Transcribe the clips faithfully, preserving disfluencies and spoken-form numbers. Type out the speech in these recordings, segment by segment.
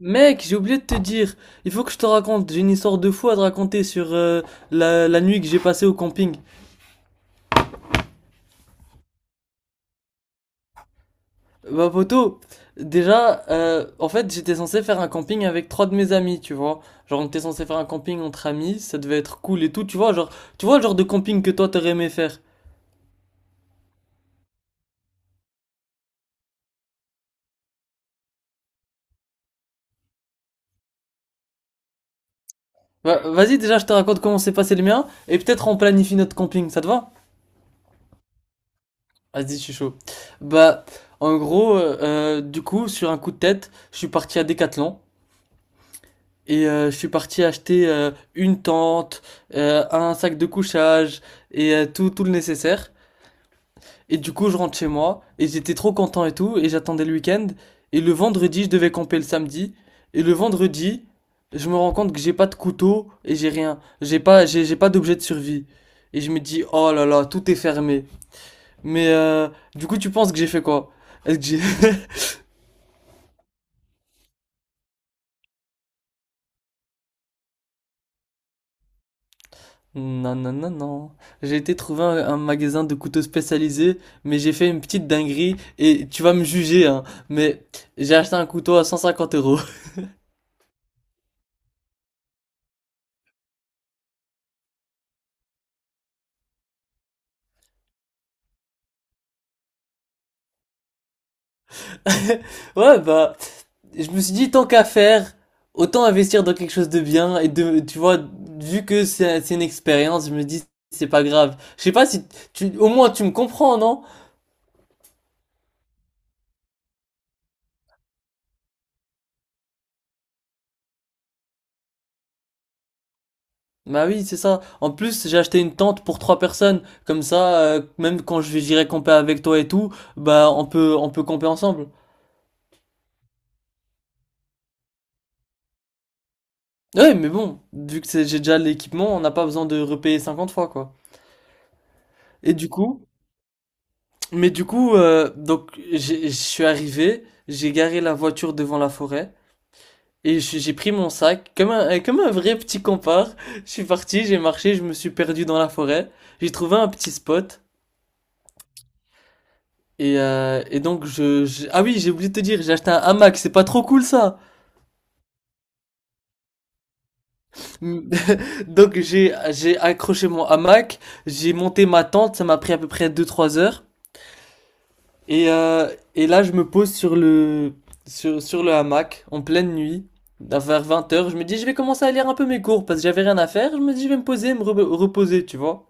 Mec, j'ai oublié de te dire, il faut que je te raconte, j'ai une histoire de fou à te raconter sur euh, la, la nuit que j'ai passée au camping. Bah poto, déjà, euh, en fait j'étais censé faire un camping avec trois de mes amis, tu vois. Genre on était censé faire un camping entre amis, ça devait être cool et tout, tu vois, genre, tu vois le genre de camping que toi t'aurais aimé faire. Bah, vas-y déjà je te raconte comment s'est passé le mien, et peut-être on planifie notre camping, ça te va? Vas-y, je suis chaud. Bah, en gros, euh, euh, du coup, sur un coup de tête, je suis parti à Decathlon. Et euh, je suis parti acheter euh, une tente, euh, un sac de couchage et euh, tout, tout le nécessaire. Et du coup, je rentre chez moi et j'étais trop content et tout. Et j'attendais le week-end. Et le vendredi, je devais camper le samedi. Et le vendredi, je me rends compte que j'ai pas de couteau et j'ai rien. J'ai pas, j'ai, j'ai pas d'objet de survie. Et je me dis, oh là là, tout est fermé. Mais euh, du coup, tu penses que j'ai fait quoi? Est-ce que j'ai Non, non, non, non. J'ai été trouver un, un magasin de couteaux spécialisé, mais j'ai fait une petite dinguerie et tu vas me juger, hein. Mais j'ai acheté un couteau à cent cinquante euros. Ouais, bah, je me suis dit, tant qu'à faire, autant investir dans quelque chose de bien et de, tu vois, vu que c'est c'est une expérience, je me dis, c'est pas grave. Je sais pas si tu, au moins tu me comprends, non? Bah oui, c'est ça. En plus, j'ai acheté une tente pour trois personnes. Comme ça, euh, même quand je j'irai camper avec toi et tout, bah, on peut, on peut camper ensemble. Ouais, mais bon, vu que c'est- j'ai déjà l'équipement, on n'a pas besoin de repayer cinquante fois, quoi. Et du coup, mais du coup, euh, donc j'ai- Je suis arrivé, j'ai garé la voiture devant la forêt et je- j'ai pris mon sac comme un euh, comme un vrai petit compare. Je suis parti, j'ai marché, je me suis perdu dans la forêt. J'ai trouvé un petit spot et euh, et donc je, je- ah oui, j'ai oublié de te dire, j'ai acheté un hamac, c'est pas trop cool ça. Donc j'ai j'ai accroché mon hamac, j'ai monté ma tente, ça m'a pris à peu près deux trois heures. Et, euh, et là, je me pose sur le, sur, sur le hamac en pleine nuit, vers vingt heures. Je me dis, je vais commencer à lire un peu mes cours parce que j'avais rien à faire. Je me dis, je vais me poser, me re- reposer, tu vois.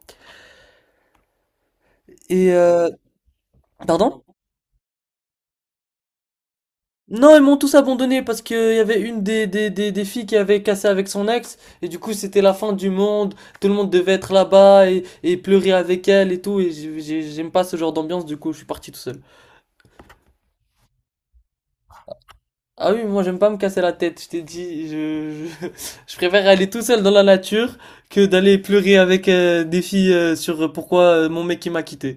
Et euh, pardon? Non, ils m'ont tous abandonné parce qu'il y avait une des, des, des, des filles qui avait cassé avec son ex. Et du coup, c'était la fin du monde. Tout le monde devait être là-bas et, et pleurer avec elle et tout. Et j'ai- j'ai- j'aime pas ce genre d'ambiance, du coup, je suis parti tout seul. Ah oui, moi j'aime pas me casser la tête, je t'ai dit, je, je, je préfère aller tout seul dans la nature que d'aller pleurer avec euh, des filles euh, sur euh, pourquoi euh, mon mec il m'a quitté.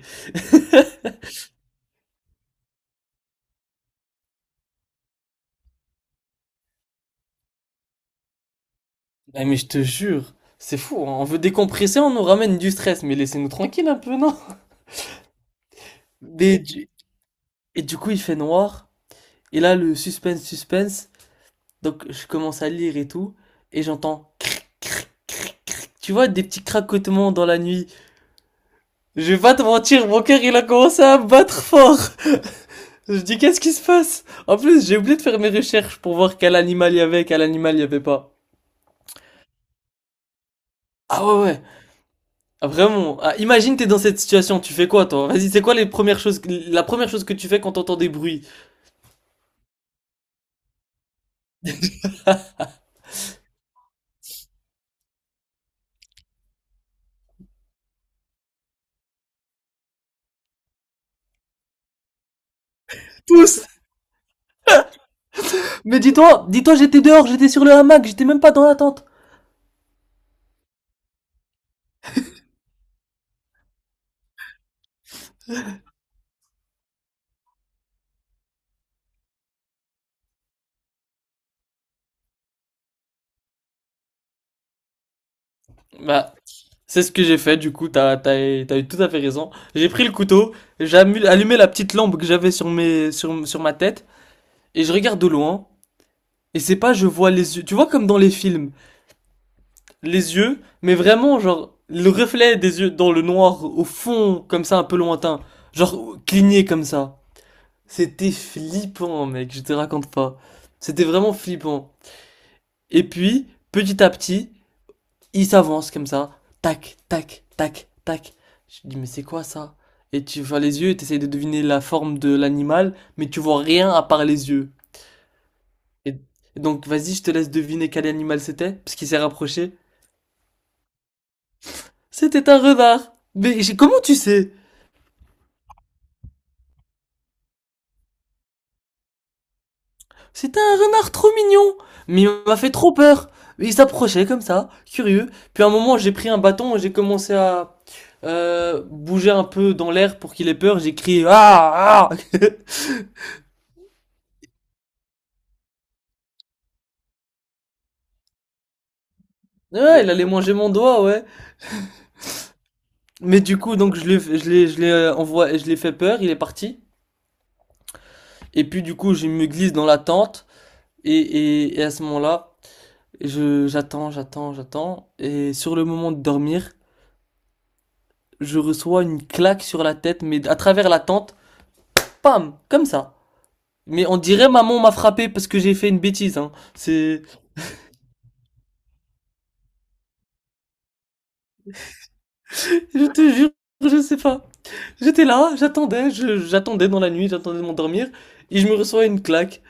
Ah, mais je te jure, c'est fou, hein, on veut décompresser, on nous ramène du stress, mais laissez-nous tranquille un peu, non? Et du, et du coup il fait noir, et là le suspense, suspense, donc je commence à lire et tout, et j'entends cric, cric, cric, cric. Tu vois, des petits craquements dans la nuit. Je vais pas te mentir, mon cœur il a commencé à battre fort. Je dis, qu'est-ce qui se passe? En plus, j'ai oublié de faire mes recherches pour voir quel animal il y avait, quel animal il y avait pas. Ah ouais, ouais. Ah, vraiment. Ah, imagine, t'es dans cette situation. Tu fais quoi, toi? Vas-y, c'est quoi les premières choses, la première chose que tu fais quand t'entends des bruits? Tous. Mais dis-toi, dis-toi, j'étais dehors, j'étais sur le hamac, j'étais même pas dans la tente. Bah, c'est ce que j'ai fait, du coup, t'as, t'as, t'as eu tout à fait raison. J'ai pris le couteau, j'ai allumé la petite lampe que j'avais sur mes, sur, sur ma tête, et je regarde de loin, et c'est pas, je vois les yeux, tu vois comme dans les films, les yeux, mais vraiment, genre, le reflet des yeux dans le noir, au fond, comme ça, un peu lointain. Genre, cligné comme ça. C'était flippant, mec, je te raconte pas. C'était vraiment flippant. Et puis, petit à petit, il s'avance comme ça. Tac, tac, tac, tac. Je dis, mais c'est quoi ça? Et tu vois les yeux et t'essayes de deviner la forme de l'animal, mais tu vois rien à part les yeux. Et donc, vas-y, je te laisse deviner quel animal c'était, parce qu'il s'est rapproché. C'était un renard. Mais comment tu sais? C'était un renard trop mignon, mais il m'a fait trop peur. Il s'approchait comme ça, curieux. Puis à un moment, j'ai pris un bâton et j'ai commencé à euh, bouger un peu dans l'air pour qu'il ait peur. J'ai crié ah ah. Ouais, il allait manger mon doigt, ouais. Mais du coup, donc je l'ai, je l'ai, je l'ai euh, envoyé, je l'ai fait peur. Il est parti. Et puis du coup, je me glisse dans la tente et, et, et à ce moment-là, je j'attends, j'attends, j'attends. Et sur le moment de dormir, je reçois une claque sur la tête, mais à travers la tente. Pam, comme ça. Mais on dirait maman m'a frappé parce que j'ai fait une bêtise. Hein. C'est, je te jure, je sais pas. J'étais là, j'attendais, je- j'attendais dans la nuit, j'attendais de m'endormir et je me reçois une claque.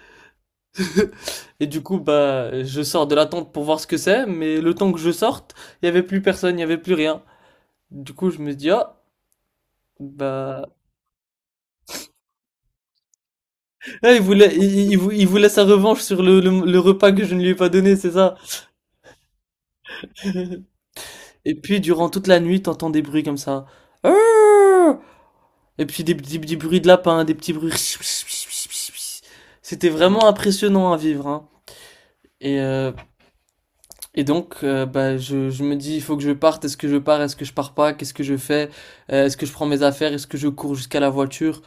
Et du coup, bah, je sors de la tente pour voir ce que c'est, mais le temps que je sorte, il y avait plus personne, il y avait plus rien. Du coup, je me dis ah. Bah, ah, il voulait, il, il- vou- il voulait sa revanche sur le, le, le repas que je ne lui ai pas donné, c'est ça. Et puis, durant toute la nuit, t'entends des bruits comme ça. Ah. Et puis des, des- des bruits de lapin, des petits bruits. C'était vraiment impressionnant à vivre, hein. Et, euh, et donc, euh, bah, je, je me dis, il faut que je parte. Est-ce que je pars? Est-ce que je pars pas? Qu'est-ce que je fais? Euh, Est-ce que je prends mes affaires? Est-ce que je cours jusqu'à la voiture?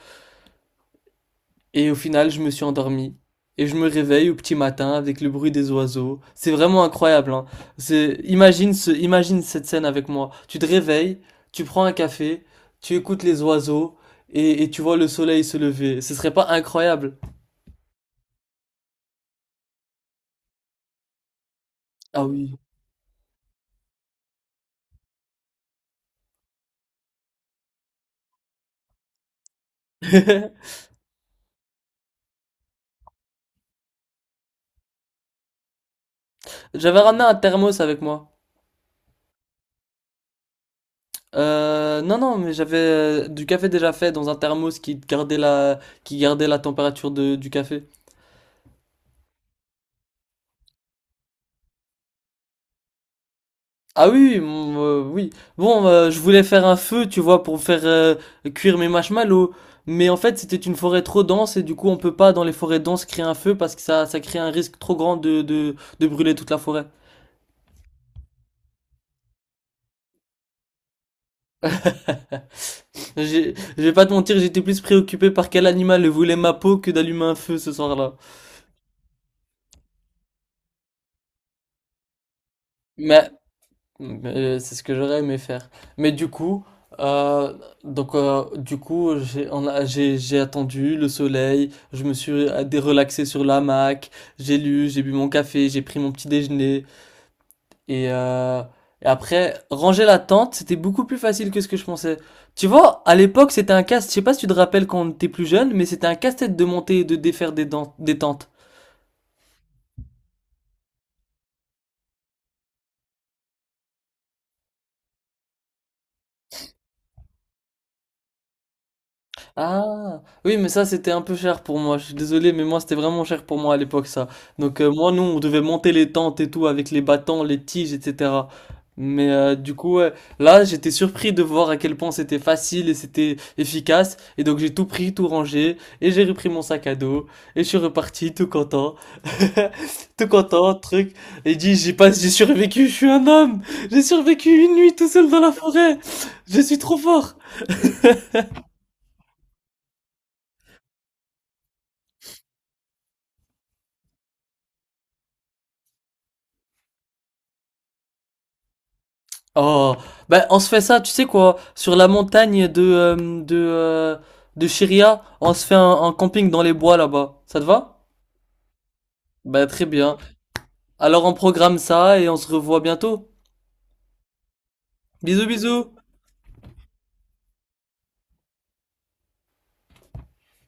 Et au final, je me suis endormi. Et je me réveille au petit matin avec le bruit des oiseaux. C'est vraiment incroyable, hein. C'est, imagine ce, imagine cette scène avec moi. Tu te réveilles, tu prends un café, tu écoutes les oiseaux et, et tu vois le soleil se lever. Ce serait pas incroyable? Ah oui. J'avais ramené un thermos avec moi. Euh, non, non, mais j'avais euh, du café déjà fait dans un thermos qui gardait la, qui gardait la température de- du café. Ah oui, mm, euh, oui. Bon, euh, je voulais faire un feu, tu vois, pour faire euh, cuire mes marshmallows. Mais en fait, c'était une forêt trop dense et du coup, on peut pas dans les forêts denses créer un feu parce que ça, ça crée un risque trop grand de, de, de brûler toute la forêt. J'ai- Je vais pas te mentir, j'étais plus préoccupé par quel animal voulait ma peau que d'allumer un feu ce soir-là. Mais Mais c'est ce que j'aurais aimé faire. Mais du coup, euh, donc euh, du coup, j'ai on a- j'ai j'ai attendu le soleil, je me suis euh, dé- relaxé sur l'hamac, j'ai lu, j'ai bu mon café, j'ai pris mon petit déjeuner et, euh, et après ranger la tente, c'était beaucoup plus facile que ce que je pensais. Tu vois, à l'époque, c'était un casse, je sais pas si tu te rappelles quand on était plus jeune, mais c'était un casse-tête de monter et de défaire des, dent- des tentes. Ah, oui, mais ça, c'était un peu cher pour moi. Je suis désolé, mais moi, c'était vraiment cher pour moi à l'époque, ça. Donc, euh, moi, nous, on devait monter les tentes et tout avec les bâtons, les tiges, et cetera. Mais euh, du coup, ouais, là, j'étais surpris de voir à quel point c'était facile et c'était efficace. Et donc, j'ai tout pris, tout rangé, et j'ai repris mon sac à dos, et je suis reparti tout content. Tout content, truc. Et dit, j'ai pas, j'ai survécu, je suis un homme. J'ai survécu une nuit tout seul dans la forêt. Je suis trop fort. Oh, bah on se fait ça, tu sais quoi, sur la montagne de euh, de euh, de Chiria, on se fait un, un camping dans les bois là-bas. Ça te va? Bah très bien. Alors on programme ça et on se revoit bientôt. Bisous bisous.